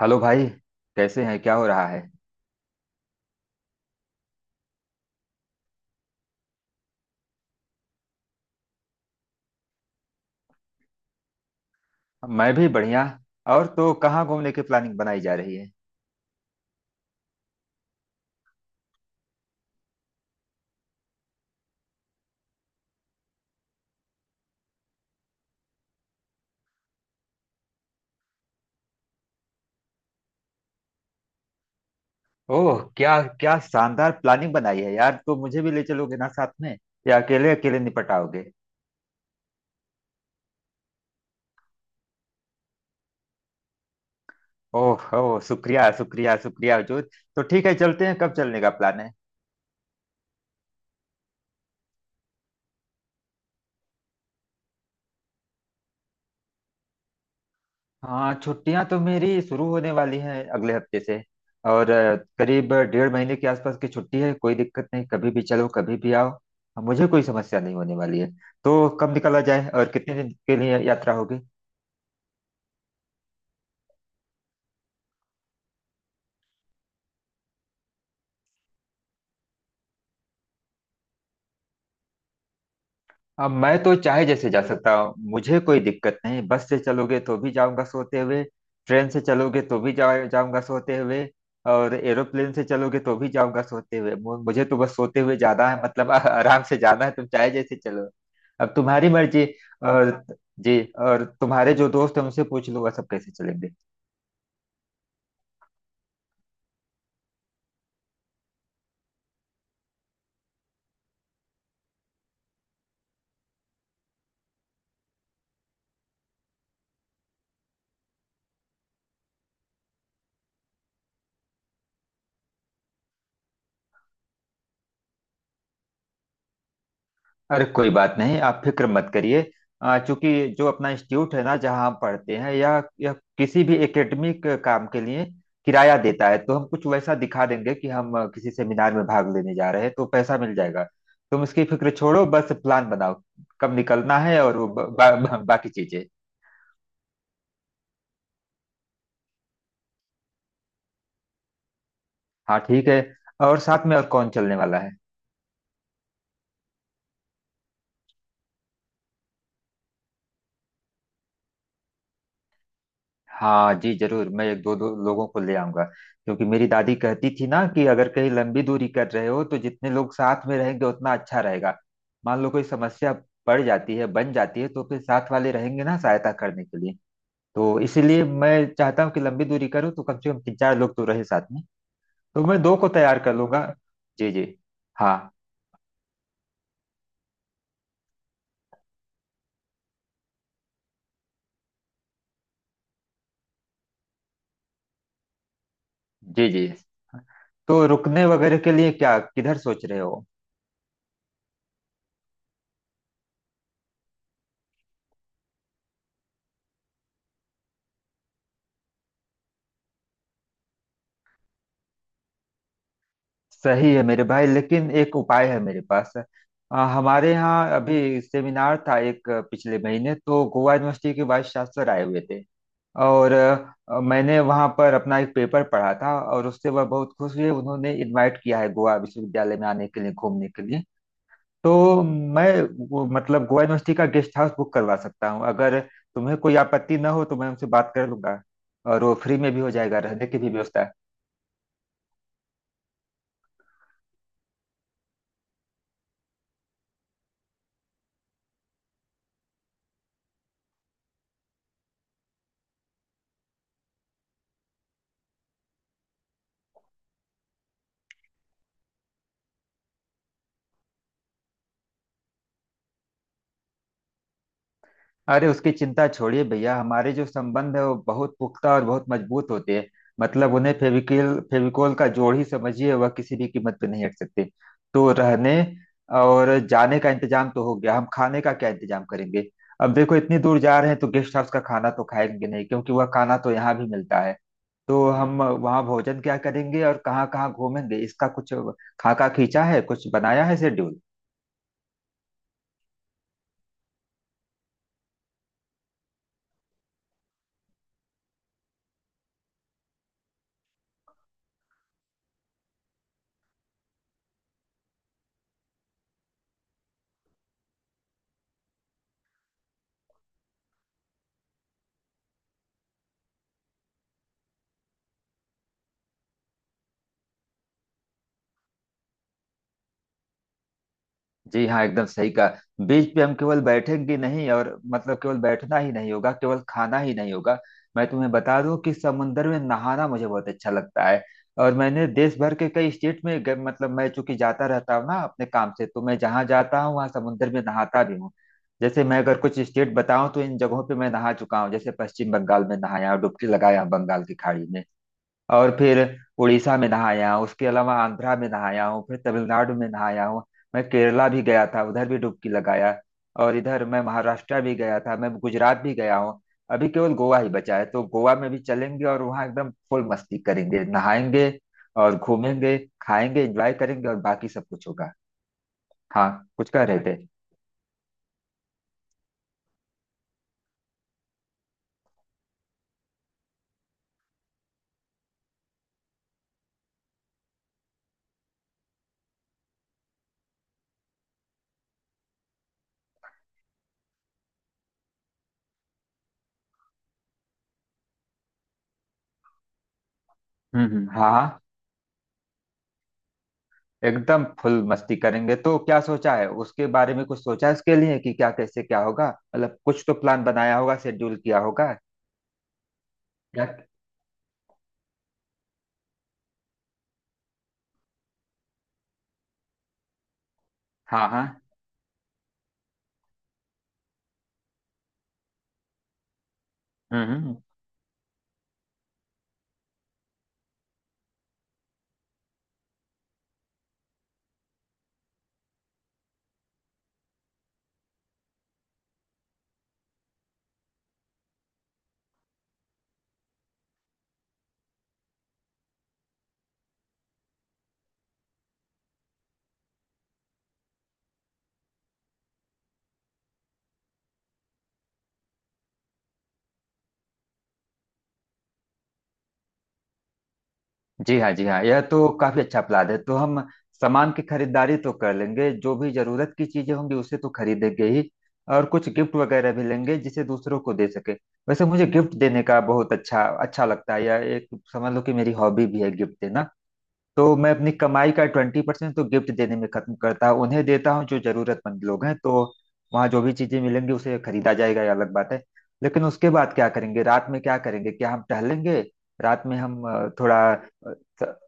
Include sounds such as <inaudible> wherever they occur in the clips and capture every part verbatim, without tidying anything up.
Hello भाई। कैसे हैं? क्या हो रहा है? मैं भी बढ़िया। और तो कहाँ घूमने की प्लानिंग बनाई जा रही है? ओह, क्या क्या शानदार प्लानिंग बनाई है यार। तो मुझे भी ले चलोगे ना साथ में, या अकेले अकेले निपट आओगे? ओह ओह, शुक्रिया शुक्रिया शुक्रिया हजूर। तो ठीक है, चलते हैं। कब चलने का प्लान है? हाँ, छुट्टियां तो मेरी शुरू होने वाली हैं अगले हफ्ते से। और अ, करीब डेढ़ महीने के आसपास की छुट्टी है। कोई दिक्कत नहीं, कभी भी चलो, कभी भी आओ। मुझे कोई समस्या नहीं होने वाली है। तो कब निकला जाए और कितने दिन के लिए यात्रा होगी? अब मैं तो चाहे जैसे जा सकता हूँ, मुझे कोई दिक्कत नहीं। बस से चलोगे तो भी जाऊंगा सोते हुए। ट्रेन से चलोगे तो भी जा, जाऊंगा सोते हुए। और एरोप्लेन से चलोगे तो भी जाऊंगा सोते हुए। मु- मुझे तो बस सोते हुए जाना है, मतलब <laughs> आ- आराम से जाना है। तुम चाहे जैसे चलो। अब तुम्हारी मर्जी। और जी, और तुम्हारे जो दोस्त हैं उनसे पूछ लूंगा सब कैसे चलेंगे। अरे कोई बात नहीं, आप फिक्र मत करिए। अ, चूंकि जो अपना इंस्टीट्यूट है ना, जहाँ हम पढ़ते हैं, या, या किसी भी एकेडमिक काम के लिए किराया देता है, तो हम कुछ वैसा दिखा देंगे कि हम अ, किसी सेमिनार में भाग लेने जा रहे हैं, तो पैसा मिल जाएगा। तुम इसकी फिक्र छोड़ो, बस प्लान बनाओ। कब निकलना है और वो ब, बा, बा, बाकी चीजें। हाँ ठीक है। और साथ में और कौन चलने वाला है? हाँ जी जरूर, मैं एक दो दो लोगों को ले आऊंगा। क्योंकि मेरी दादी कहती थी ना कि अगर कहीं लंबी दूरी कर रहे हो तो जितने लोग साथ में रहेंगे उतना अच्छा रहेगा। मान लो कोई समस्या पड़ जाती है, बन जाती है, तो फिर साथ वाले रहेंगे ना सहायता करने के लिए। तो इसीलिए मैं चाहता हूँ कि लंबी दूरी करूँ तो कम से कम तीन चार लोग तो रहे साथ में। तो मैं दो को तैयार कर लूंगा। जी जी। हाँ। जी जी। तो रुकने वगैरह के लिए क्या किधर सोच रहे हो? सही है मेरे भाई, लेकिन एक उपाय है मेरे पास। आ, हमारे यहाँ अभी सेमिनार था एक, अ, पिछले महीने। तो गोवा यूनिवर्सिटी के वाइस चांसलर आए हुए थे। और अ, मैंने वहाँ पर अपना एक पेपर पढ़ा था और उससे वह बहुत खुश हुए। उन्होंने इनवाइट किया है गोवा विश्वविद्यालय में आने के लिए, घूमने के लिए। तो मैं वो, मतलब गोवा यूनिवर्सिटी का गेस्ट हाउस बुक करवा सकता हूँ, अगर तुम्हें कोई आपत्ति न हो, तो मैं उनसे बात कर लूंगा। और वो फ्री में भी हो जाएगा, रहने की भी व्यवस्था है। अरे उसकी चिंता छोड़िए भैया, हमारे जो संबंध है वो बहुत पुख्ता और बहुत मजबूत होते हैं। मतलब उन्हें फेविकिल फेविकोल का जोड़ ही समझिए, वह किसी भी कीमत पे नहीं हट सकते। तो रहने और जाने का इंतजाम तो हो गया, हम खाने का क्या इंतजाम करेंगे? अब देखो इतनी दूर जा रहे हैं तो गेस्ट हाउस का खाना तो खाएंगे नहीं, क्योंकि वह खाना तो यहाँ भी मिलता है। तो हम वहाँ भोजन क्या करेंगे और कहाँ कहाँ घूमेंगे, इसका कुछ खाका खींचा है, कुछ बनाया है शेड्यूल? जी हाँ, एकदम सही कहा। बीच पे हम केवल बैठेंगे नहीं, और मतलब केवल बैठना ही नहीं होगा, केवल खाना ही नहीं होगा। मैं तुम्हें बता दूं कि समुंदर में नहाना मुझे बहुत अच्छा लगता है। और मैंने देश भर के कई स्टेट में ग- मतलब मैं चूंकि जाता रहता हूँ ना अपने काम से, तो मैं जहाँ जाता हूँ वहाँ समुंदर में नहाता भी हूँ। जैसे मैं अगर कुछ स्टेट बताऊं, तो इन जगहों पे मैं नहा चुका हूँ। जैसे पश्चिम बंगाल में नहाया, डुबकी लगाया बंगाल की खाड़ी में। और फिर उड़ीसा में नहाया हूँ, उसके अलावा आंध्रा में नहाया हूँ, फिर तमिलनाडु में नहाया हूँ। मैं केरला भी गया था, उधर भी डुबकी लगाया। और इधर मैं महाराष्ट्र भी गया था, मैं गुजरात भी गया हूँ। अभी केवल गोवा ही बचा है, तो गोवा में भी चलेंगे और वहाँ एकदम फुल मस्ती करेंगे, नहाएंगे और घूमेंगे, खाएंगे, एंजॉय करेंगे और बाकी सब कुछ होगा। हाँ, कुछ कह रहे थे? हम्म हम्म, हाँ। एकदम फुल मस्ती करेंगे। तो क्या सोचा है उसके बारे में? कुछ सोचा है उसके लिए कि क्या, कैसे, क्या होगा? मतलब कुछ तो प्लान बनाया होगा, शेड्यूल किया होगा। क्या? हाँ हाँ। हम्म हम्म। जी हाँ, जी हाँ, यह तो काफी अच्छा प्लान है। तो हम सामान की खरीदारी तो कर लेंगे, जो भी जरूरत की चीजें होंगी उसे तो खरीदेंगे ही। और कुछ गिफ्ट वगैरह भी लेंगे जिसे दूसरों को दे सके। वैसे मुझे गिफ्ट देने का बहुत अच्छा अच्छा लगता है, यह एक समझ लो कि मेरी हॉबी भी है गिफ्ट देना। तो मैं अपनी कमाई का ट्वेंटी परसेंट तो गिफ्ट देने में खत्म करता हूँ, उन्हें देता हूँ जो जरूरतमंद लोग हैं। तो वहाँ जो भी चीजें मिलेंगी उसे खरीदा जाएगा, ये अलग बात है। लेकिन उसके बाद क्या करेंगे, रात में क्या करेंगे, क्या हम टहलेंगे? रात में हम अ, थोड़ा अ, थ-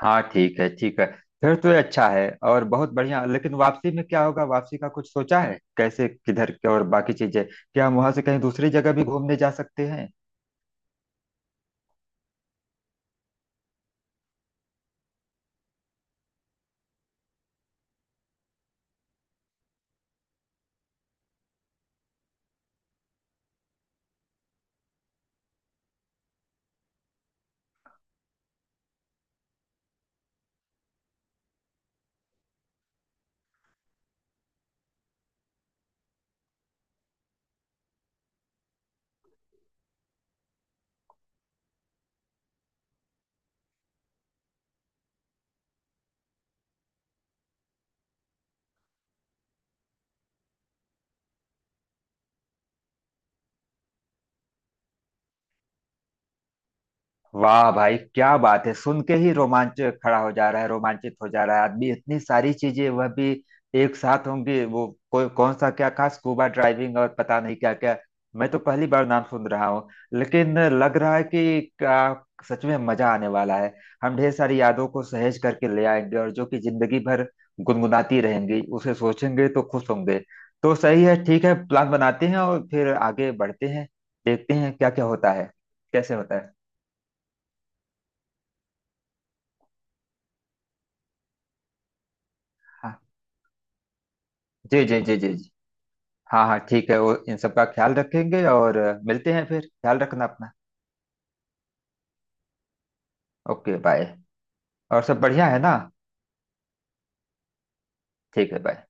हाँ ठीक है ठीक है। फिर तो ये अच्छा है और बहुत बढ़िया। लेकिन वापसी में क्या होगा? वापसी का कुछ सोचा है कैसे किधर क्या? और बाकी चीजें, क्या हम वहां से कहीं दूसरी जगह भी घूमने जा सकते हैं? वाह भाई क्या बात है, सुन के ही रोमांच खड़ा हो जा रहा है, रोमांचित हो जा रहा है आदमी। इतनी सारी चीजें वह भी एक साथ होंगी वो। कोई कौन सा क्या खास, स्कूबा ड्राइविंग और पता नहीं क्या क्या। मैं तो पहली बार नाम सुन रहा हूँ। लेकिन लग रहा है कि क्या सच में मजा आने वाला है। हम ढेर सारी यादों को सहेज करके ले आएंगे, और जो कि जिंदगी भर गुनगुनाती रहेंगी, उसे सोचेंगे तो खुश होंगे। तो सही है, ठीक है, प्लान बनाते हैं और फिर आगे बढ़ते हैं। देखते हैं क्या क्या होता है, कैसे होता है। हाँ। जी जी जी जी जी। हाँ हाँ ठीक है, वो इन सब का ख्याल रखेंगे। और अ, मिलते हैं फिर। ख्याल रखना अपना। Okay bye. और सब बढ़िया है ना? ठीक है बाय।